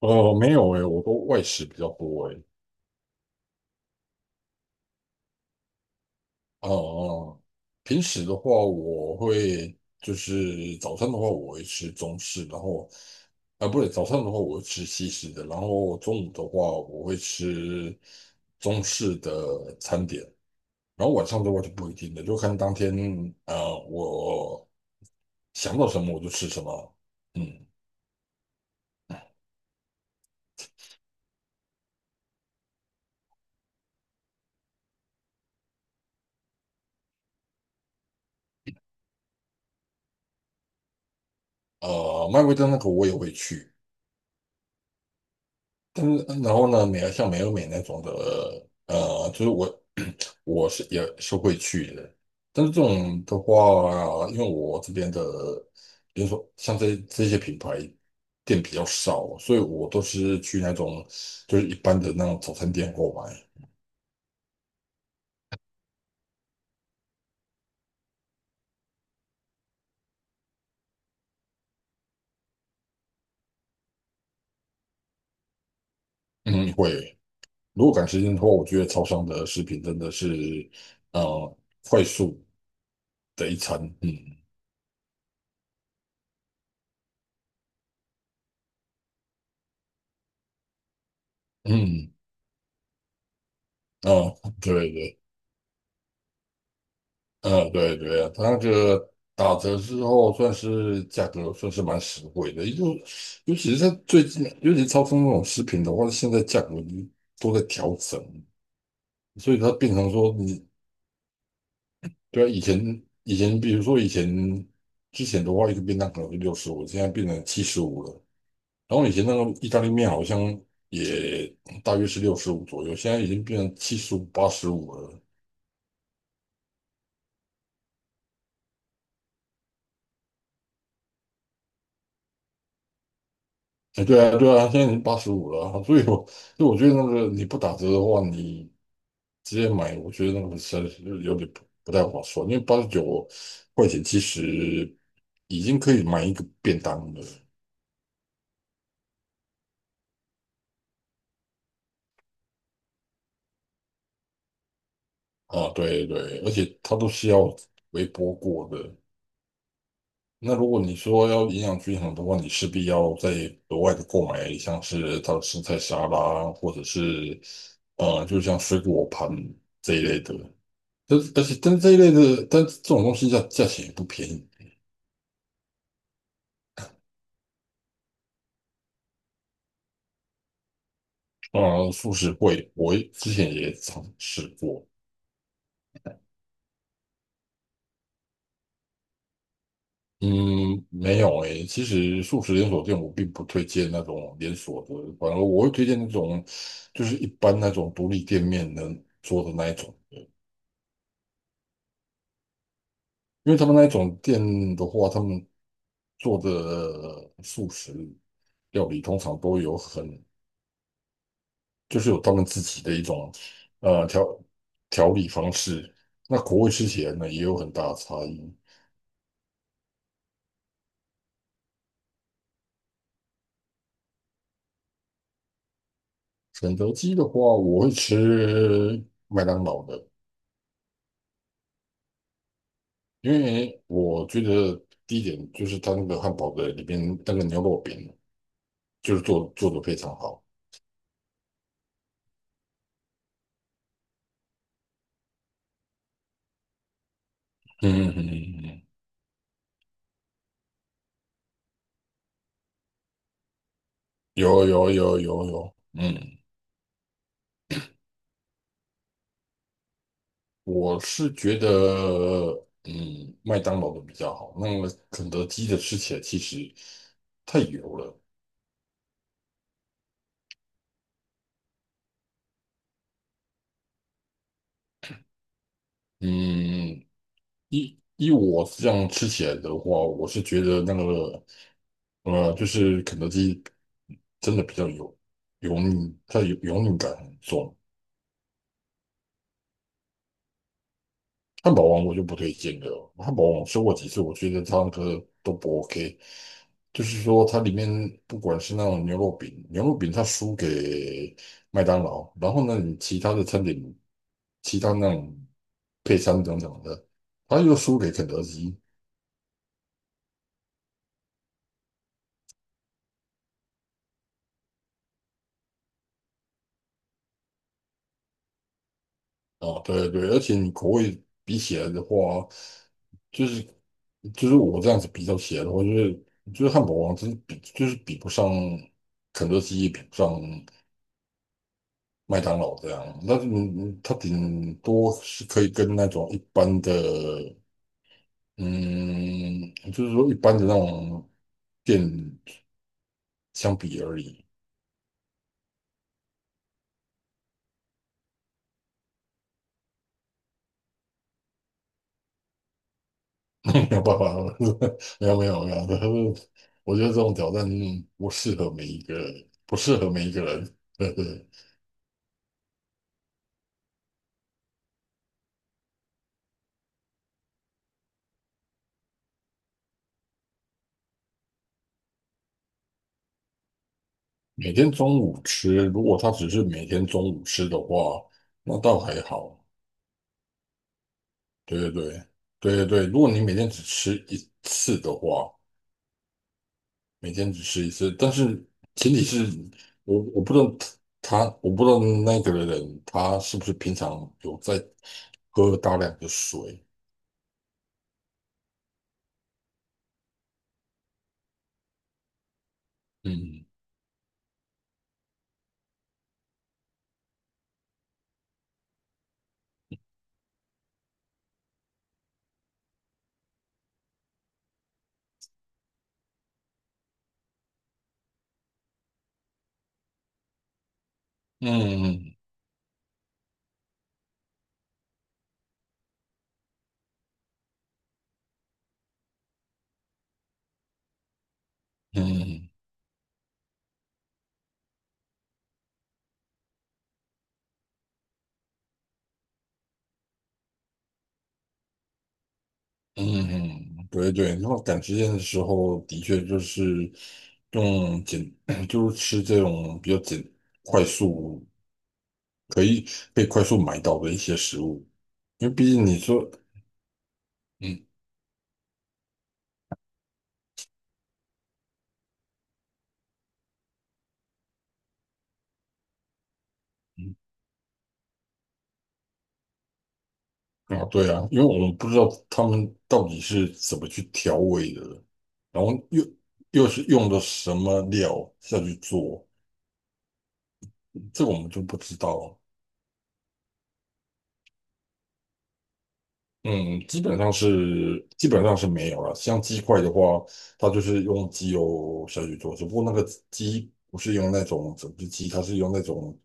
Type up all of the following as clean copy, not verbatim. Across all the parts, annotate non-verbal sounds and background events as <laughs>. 没有诶，我都外食比较多诶。呃，平时的话，我会就是早餐的话，我会吃中式，然后啊、不对，早餐的话我会吃西式的，然后中午的话我会吃中式的餐点，然后晚上的话就不一定了，就看当天我想到什么我就吃什么。嗯。麦味登那个我也会去，但是然后呢，美而像美而美那种的，呃，就是我。我是也是会去的，但是这种的话啊，因为我这边的，比如说像这些品牌店比较少，所以我都是去那种就是一般的那种早餐店购买。嗯，会。如果赶时间的话，我觉得超商的食品真的是，呃，快速的一餐。嗯嗯，啊、对对。嗯，对对，它那个打折之后，算是价格算是蛮实惠的，尤其是在最近，尤其超市那种食品的话，现在价格都在调整，所以它变成说你。对啊，以前比如说以前之前的话，一个便当可能是六十五，现在变成七十五了，然后以前那个意大利面好像也大约是六十五左右，现在已经变成七十五、八十五了。哎，对啊，对啊，现在经八十五了啊，所以我，所以我觉得那个你不打折的话，你直接买，我觉得那个实在是有点不太划算，因为89块钱其实已经可以买一个便当了。啊，对对，而且它都是要微波过的。那如果你说要营养均衡的话，你势必要再额外的购买，像是它的生菜沙拉，或者是就像水果盘这一类的。但是这一类的，但是这种东西价钱也不便宜。啊，素食会我之前也尝试过。嗯，没有诶、其实素食连锁店我并不推荐那种连锁的，反而我会推荐那种就是一般那种独立店面能做的那一种。因为他们那一种店的话，他们做的素食料理通常都有很就是有他们自己的一种呃调调理方式。那口味吃起来呢也有很大的差异。肯德基的话，我会吃麦当劳的，因为我觉得第一点就是它那个汉堡的里边那个牛肉饼就是做的非常好。嗯嗯嗯嗯，嗯。有有有有有，嗯，我是觉得嗯麦当劳的比较好，那么肯德基的吃起来其实太油了。嗯，依我这样吃起来的话，我是觉得那个，就是肯德基真的比较油腻，它油腻感很重。汉堡王我就不推荐了，汉堡王我吃过几次，我觉得它那个都不 OK。就是说，它里面不管是那种牛肉饼，牛肉饼它输给麦当劳，然后呢，你其他的餐点，其他那种配餐等等的，它又输给肯德基。啊，对对，而且你口味比起来的话，就是就是我这样子比较起来的话，就是就是汉堡王真是比就是比不上肯德基，也比不上麦当劳这样。但是你你它顶多是可以跟那种一般的，嗯，就是说一般的那种店相比而已。<laughs> 没有办法，<laughs> 没有没有没有，<laughs> 我觉得这种挑战不适合每一个，不适合每一个人。<laughs> 对对。每天中午吃，如果他只是每天中午吃的话，那倒还好。对对对，对对对，如果你每天只吃一次的话，每天只吃一次，但是前提是我不知道他，我不知道那个人他是不是平常有在喝大量的水。嗯嗯嗯嗯嗯，嗯，嗯对对，那么赶时间的时候，的确就是用简，<clears throat> 就是吃这种比较简、快速可以被快速买到的一些食物，因为毕竟你说，嗯嗯。啊，对啊，因为我们不知道他们到底是怎么去调味的，然后又是用的什么料下去做，这个我们就不知道。嗯，基本上是基本上是没有了。像鸡块的话，它就是用鸡油下去做，只不过那个鸡不是用那种整只鸡，它是用那种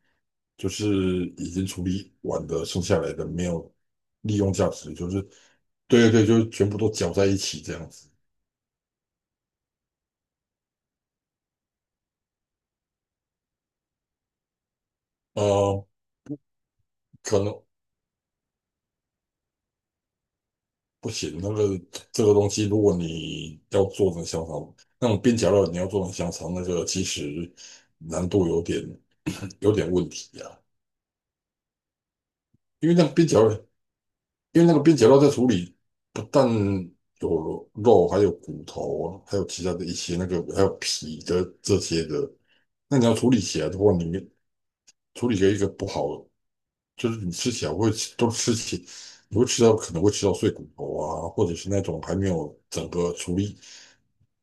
就是已经处理完的剩下来的没有利用价值，就是。对对对，就是全部都搅在一起这样子。呃，可能不行，那个这个东西，如果你要做成香肠，那种边角料你要做成香肠，那个其实难度有点问题啊。因为那个边角料。因为那个边角肉在处理，不但有肉，还有骨头啊，还有其他的一些那个，还有皮的这些的。那你要处理起来的话，你处理了一个不好，就是你吃起来会都吃起，你会吃到可能会吃到碎骨头啊，或者是那种还没有整个处理，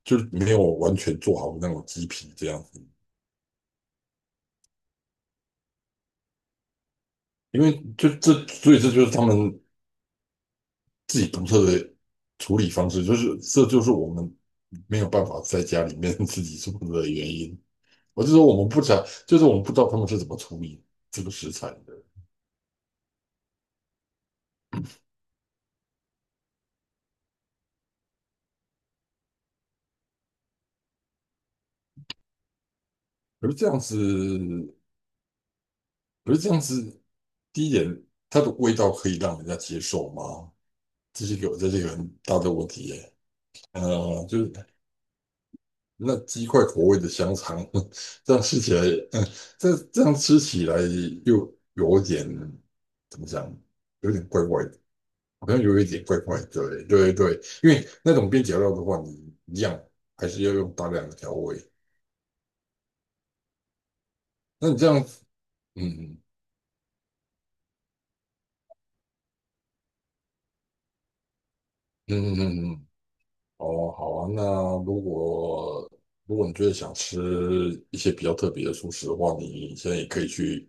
就是没有完全做好的那种鸡皮这样子。因为就这，所以这就是他们自己独特的处理方式，就是这就是我们没有办法在家里面 <laughs> 自己做的原因。我就说我们不知道，就是我们不知道他们是怎么处理这个食材的。可是这样子，可是这样子，第一点，它的味道可以让人家接受吗？这是一个，这是一个很大的问题耶。呃，就是那鸡块口味的香肠，<laughs> 这样吃起来，嗯，这样吃起来又有点怎么讲，有点怪怪的，好像有一点怪怪的。对对对，因为那种边角料的话，你一样还是要用大量的调味。那你这样嗯嗯嗯嗯嗯，哦，好啊。那如果如果你觉得想吃一些比较特别的素食的话，你现在也可以去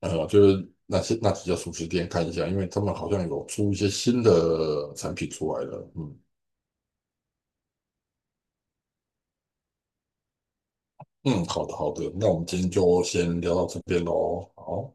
就是那些那几家素食店看一下，因为他们好像有出一些新的产品出来了。嗯嗯，好的好的，那我们今天就先聊到这边喽。好。